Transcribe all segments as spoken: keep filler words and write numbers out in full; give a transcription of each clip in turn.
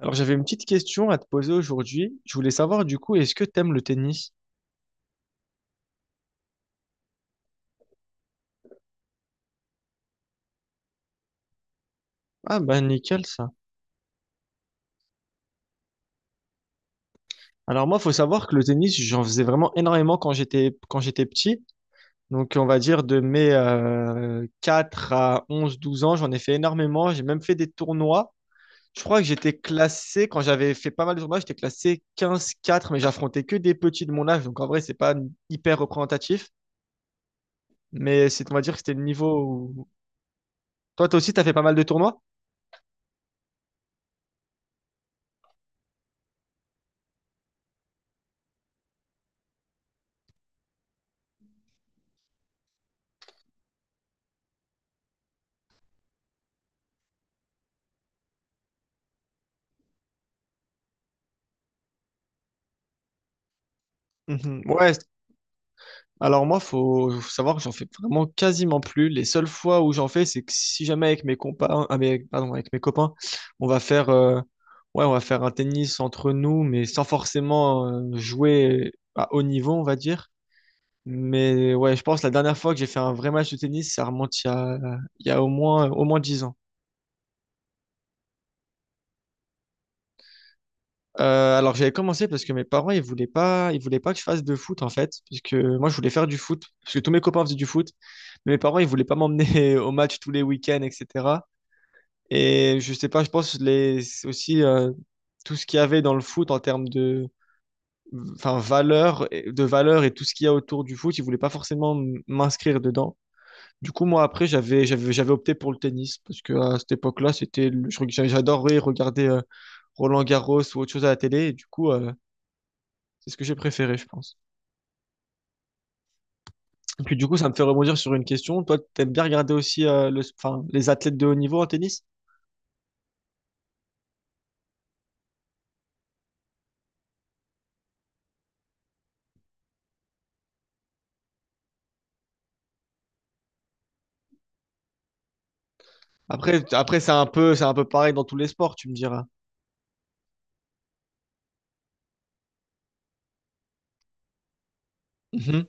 Alors j'avais une petite question à te poser aujourd'hui. Je voulais savoir du coup, est-ce que t'aimes le tennis? Ah bah nickel ça. Alors moi, faut savoir que le tennis, j'en faisais vraiment énormément quand j'étais quand j'étais petit. Donc on va dire de mes euh, quatre à onze douze ans, j'en ai fait énormément. J'ai même fait des tournois. Je crois que j'étais classé, quand j'avais fait pas mal de tournois, j'étais classé quinze quatre mais j'affrontais que des petits de mon âge. Donc en vrai, c'est pas hyper représentatif. Mais c'est, on va dire que c'était le niveau où… Toi, toi aussi, t'as fait pas mal de tournois? Mhm. Ouais, alors moi, faut, faut savoir que j'en fais vraiment quasiment plus. Les seules fois où j'en fais, c'est que si jamais avec mes compas, ah, mais pardon, avec mes copains, on va faire, euh, ouais, on va faire un tennis entre nous, mais sans forcément euh, jouer à haut niveau, on va dire. Mais ouais, je pense que la dernière fois que j'ai fait un vrai match de tennis, ça remonte il y a, il y a au moins, au moins dix ans. Euh, alors j'avais commencé parce que mes parents, ils voulaient pas, ils voulaient pas que je fasse de foot en fait, parce que moi je voulais faire du foot, parce que tous mes copains faisaient du foot, mais mes parents, ils voulaient pas m'emmener au match tous les week-ends, et cetera. Et je sais pas, je pense les aussi euh, tout ce qu'il y avait dans le foot en termes de enfin valeur, de valeur et tout ce qu'il y a autour du foot, ils voulaient pas forcément m- m'inscrire dedans. Du coup, moi, après, j'avais, j'avais, j'avais opté pour le tennis parce que à cette époque-là, c'était, le- je- reg- j'a- j'adorais regarder euh, Roland Garros ou autre chose à la télé. Et du coup, euh, c'est ce que j'ai préféré, je pense. Et puis, du coup, ça me fait rebondir sur une question. Toi, t'aimes bien regarder aussi euh, le, enfin, les athlètes de haut niveau en tennis? Après, après, c'est un peu, c'est un peu pareil dans tous les sports, tu me diras. Mhm.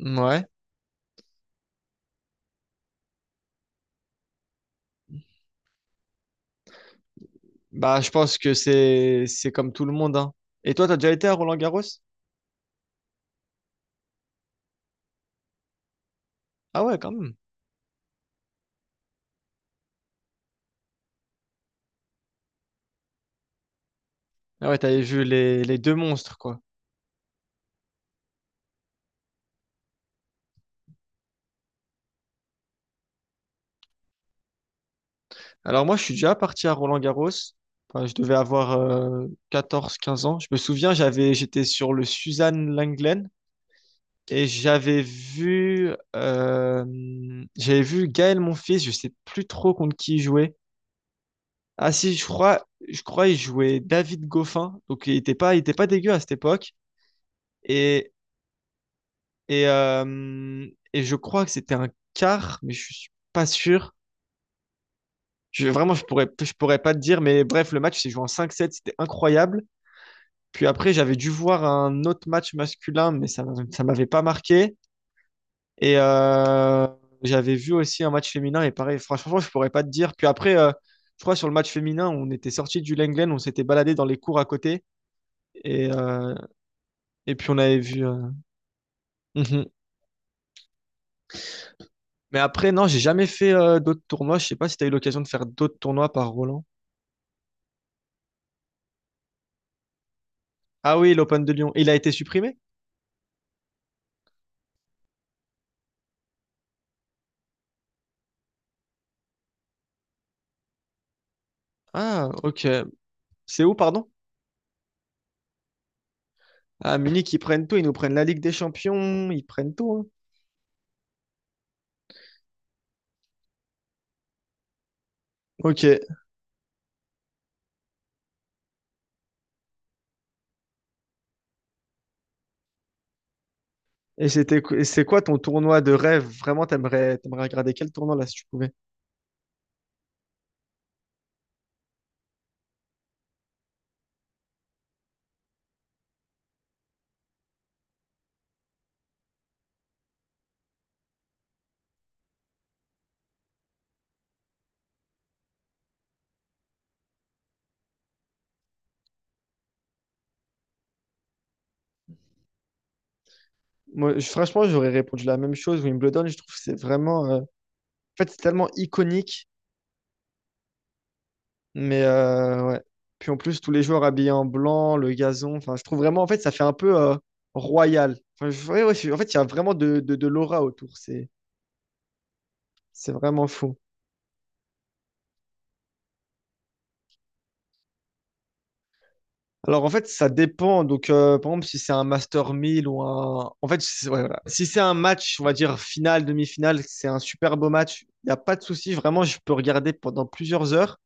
Ouais. Bah, je pense que c'est, c'est comme tout le monde, hein. Et toi, t'as déjà été à Roland Garros? Ah ouais, quand même. Ah ouais, t'avais vu les, les deux monstres, quoi. Alors moi, je suis déjà parti à Roland-Garros. Enfin, je devais avoir euh, quatorze quinze ans. Je me souviens, j'avais, j'étais sur le Suzanne Lenglen et j'avais vu, euh, j'avais vu Gaël Monfils. Je sais plus trop contre qui il jouait. Ah si, je crois, je crois il jouait David Goffin. Donc il était pas, il était pas dégueu à cette époque. Et et euh, et je crois que c'était un quart, mais je suis pas sûr. Je, vraiment, je pourrais, je pourrais pas te dire. Mais bref, le match s'est joué en cinq sept. C'était incroyable. Puis après, j'avais dû voir un autre match masculin, mais ça m'a- ça m'avait pas marqué. Et euh, j'avais vu aussi un match féminin, et pareil, franchement, je pourrais pas te dire. Puis après, euh, je crois sur le match féminin, on était sorti du Lenglen, on s'était baladé dans les cours à côté, et, euh, et puis on avait vu. euh, Mhm. Mais après, non, j'ai jamais fait euh, d'autres tournois. Je sais pas si tu as eu l'occasion de faire d'autres tournois par Roland. Ah oui, l'Open de Lyon. Il a été supprimé? Ah, ok. C'est où, pardon? À Munich, ils prennent tout, ils nous prennent la Ligue des Champions, ils prennent tout, hein. Ok. Et c'était, qu- et c'est quoi ton tournoi de rêve? Vraiment, t'aimerais, t'aimerais regarder quel tournoi là si tu pouvais? Moi, je- franchement, j'aurais répondu la même chose. Wimbledon, je trouve que c'est vraiment. euh, En fait, c'est tellement iconique. Mais euh, ouais. Puis en plus, tous les joueurs habillés en blanc, le gazon. Enfin, je trouve vraiment, en fait, ça fait un peu euh, royal. Enfin, je- ouais, ouais, je- en fait, il y a vraiment de, de, de l'aura autour. C'est, c'est vraiment fou. Alors en fait, ça dépend. Donc euh, par exemple, si c'est un Master mille ou un… En fait, c'est- ouais, voilà. Si c'est un match, on va dire finale, demi-finale, c'est un super beau match, il n'y a pas de souci. Vraiment, je peux regarder pendant plusieurs heures.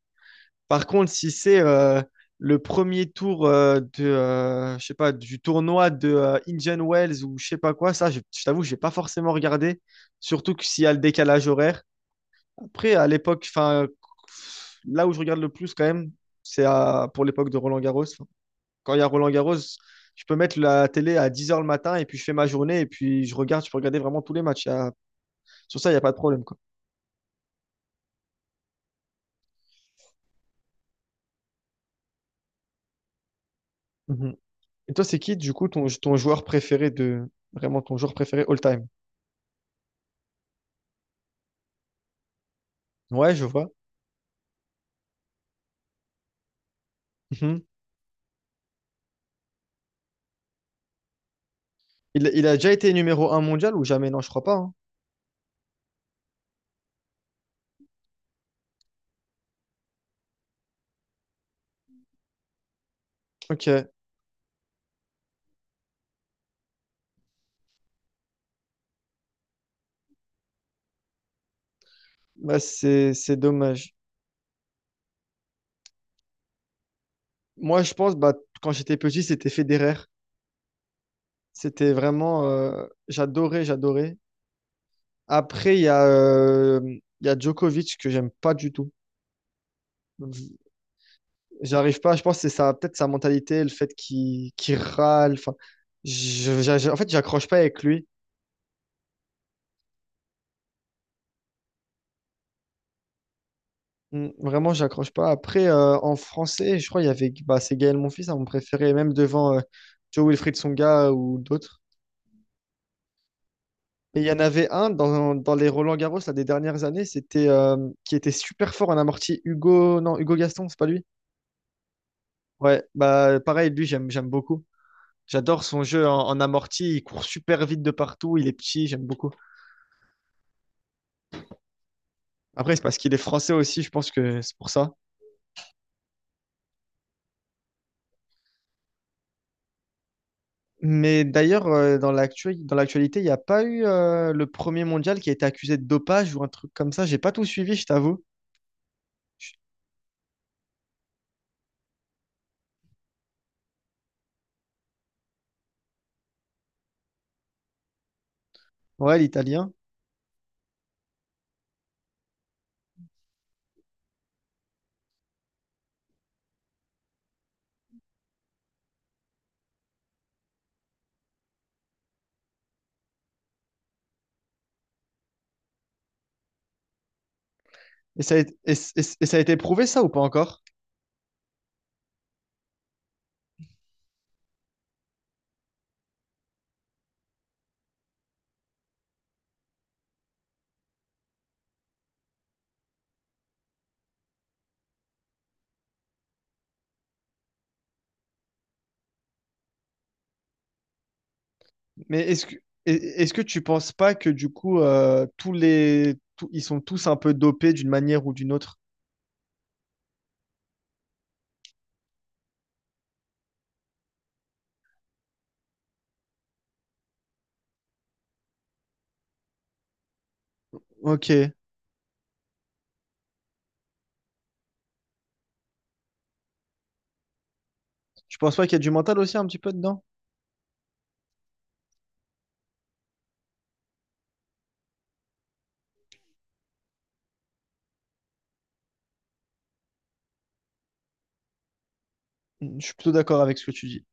Par contre, si c'est euh, le premier tour euh, de, euh, je sais pas, du tournoi de euh, Indian Wells ou je sais pas quoi, ça, je, je t'avoue, je vais pas forcément regarder. Surtout que s'il y a le décalage horaire. Après, à l'époque, enfin, là où je regarde le plus quand même, c'est à- pour l'époque de Roland Garros. Quand il y a Roland Garros, je peux mettre la télé à dix heures le matin et puis je fais ma journée et puis je regarde, je peux regarder vraiment tous les matchs. Il y a- sur ça, il n'y a pas de problème, quoi. Mhm. Et toi, c'est qui, du coup, ton, ton joueur préféré de… Vraiment ton joueur préféré all-time? Ouais, je vois. Mhm. Il, il a déjà été numéro un mondial ou jamais? Non, je crois pas, hein. Ok, bah, c'est, c'est dommage. Moi, je pense, bah, quand j'étais petit, c'était Federer. C'était vraiment… euh, j'adorais, j'adorais. Après, il y a, euh, il y a Djokovic que j'aime pas du tout. J'arrive pas, je pense que c'est ça, peut-être sa mentalité, le fait qu'il qu'il râle. Enfin, je- j'a- j'a- en fait, j'accroche pas avec lui. Mm, vraiment, j'accroche pas. Après, euh, en français, je crois qu'il y avait bah, c'est Gaël Monfils, hein, mon préféré, même devant euh, Joe Wilfried Songa ou d'autres. Et il y en avait un dans, dans les Roland-Garros là, des dernières années, c'était euh, qui était super fort en amorti, Hugo, non, Hugo Gaston, c'est pas lui? Ouais, bah pareil, lui, j'aime j'aime beaucoup. J'adore son jeu en, en amorti, il court super vite de partout, il est petit, j'aime beaucoup. Après, c'est parce qu'il est français aussi, je pense que c'est pour ça. Mais d'ailleurs, euh, dans l'actu- dans l'actualité, il n'y a pas eu euh, le premier mondial qui a été accusé de dopage ou un truc comme ça. J'ai pas tout suivi, je t'avoue. Je- Ouais, l'italien. Et ça, a, été- et, et- et- ça a été prouvé, ça, ou pas encore? Mais est-ce que, et- est-ce que tu penses pas que du coup, euh, tous les, tous- ils sont tous un peu dopés d'une manière ou d'une autre? Ok. Tu penses pas qu'il y a du mental aussi un petit peu dedans? Je suis plutôt d'accord avec ce que tu dis.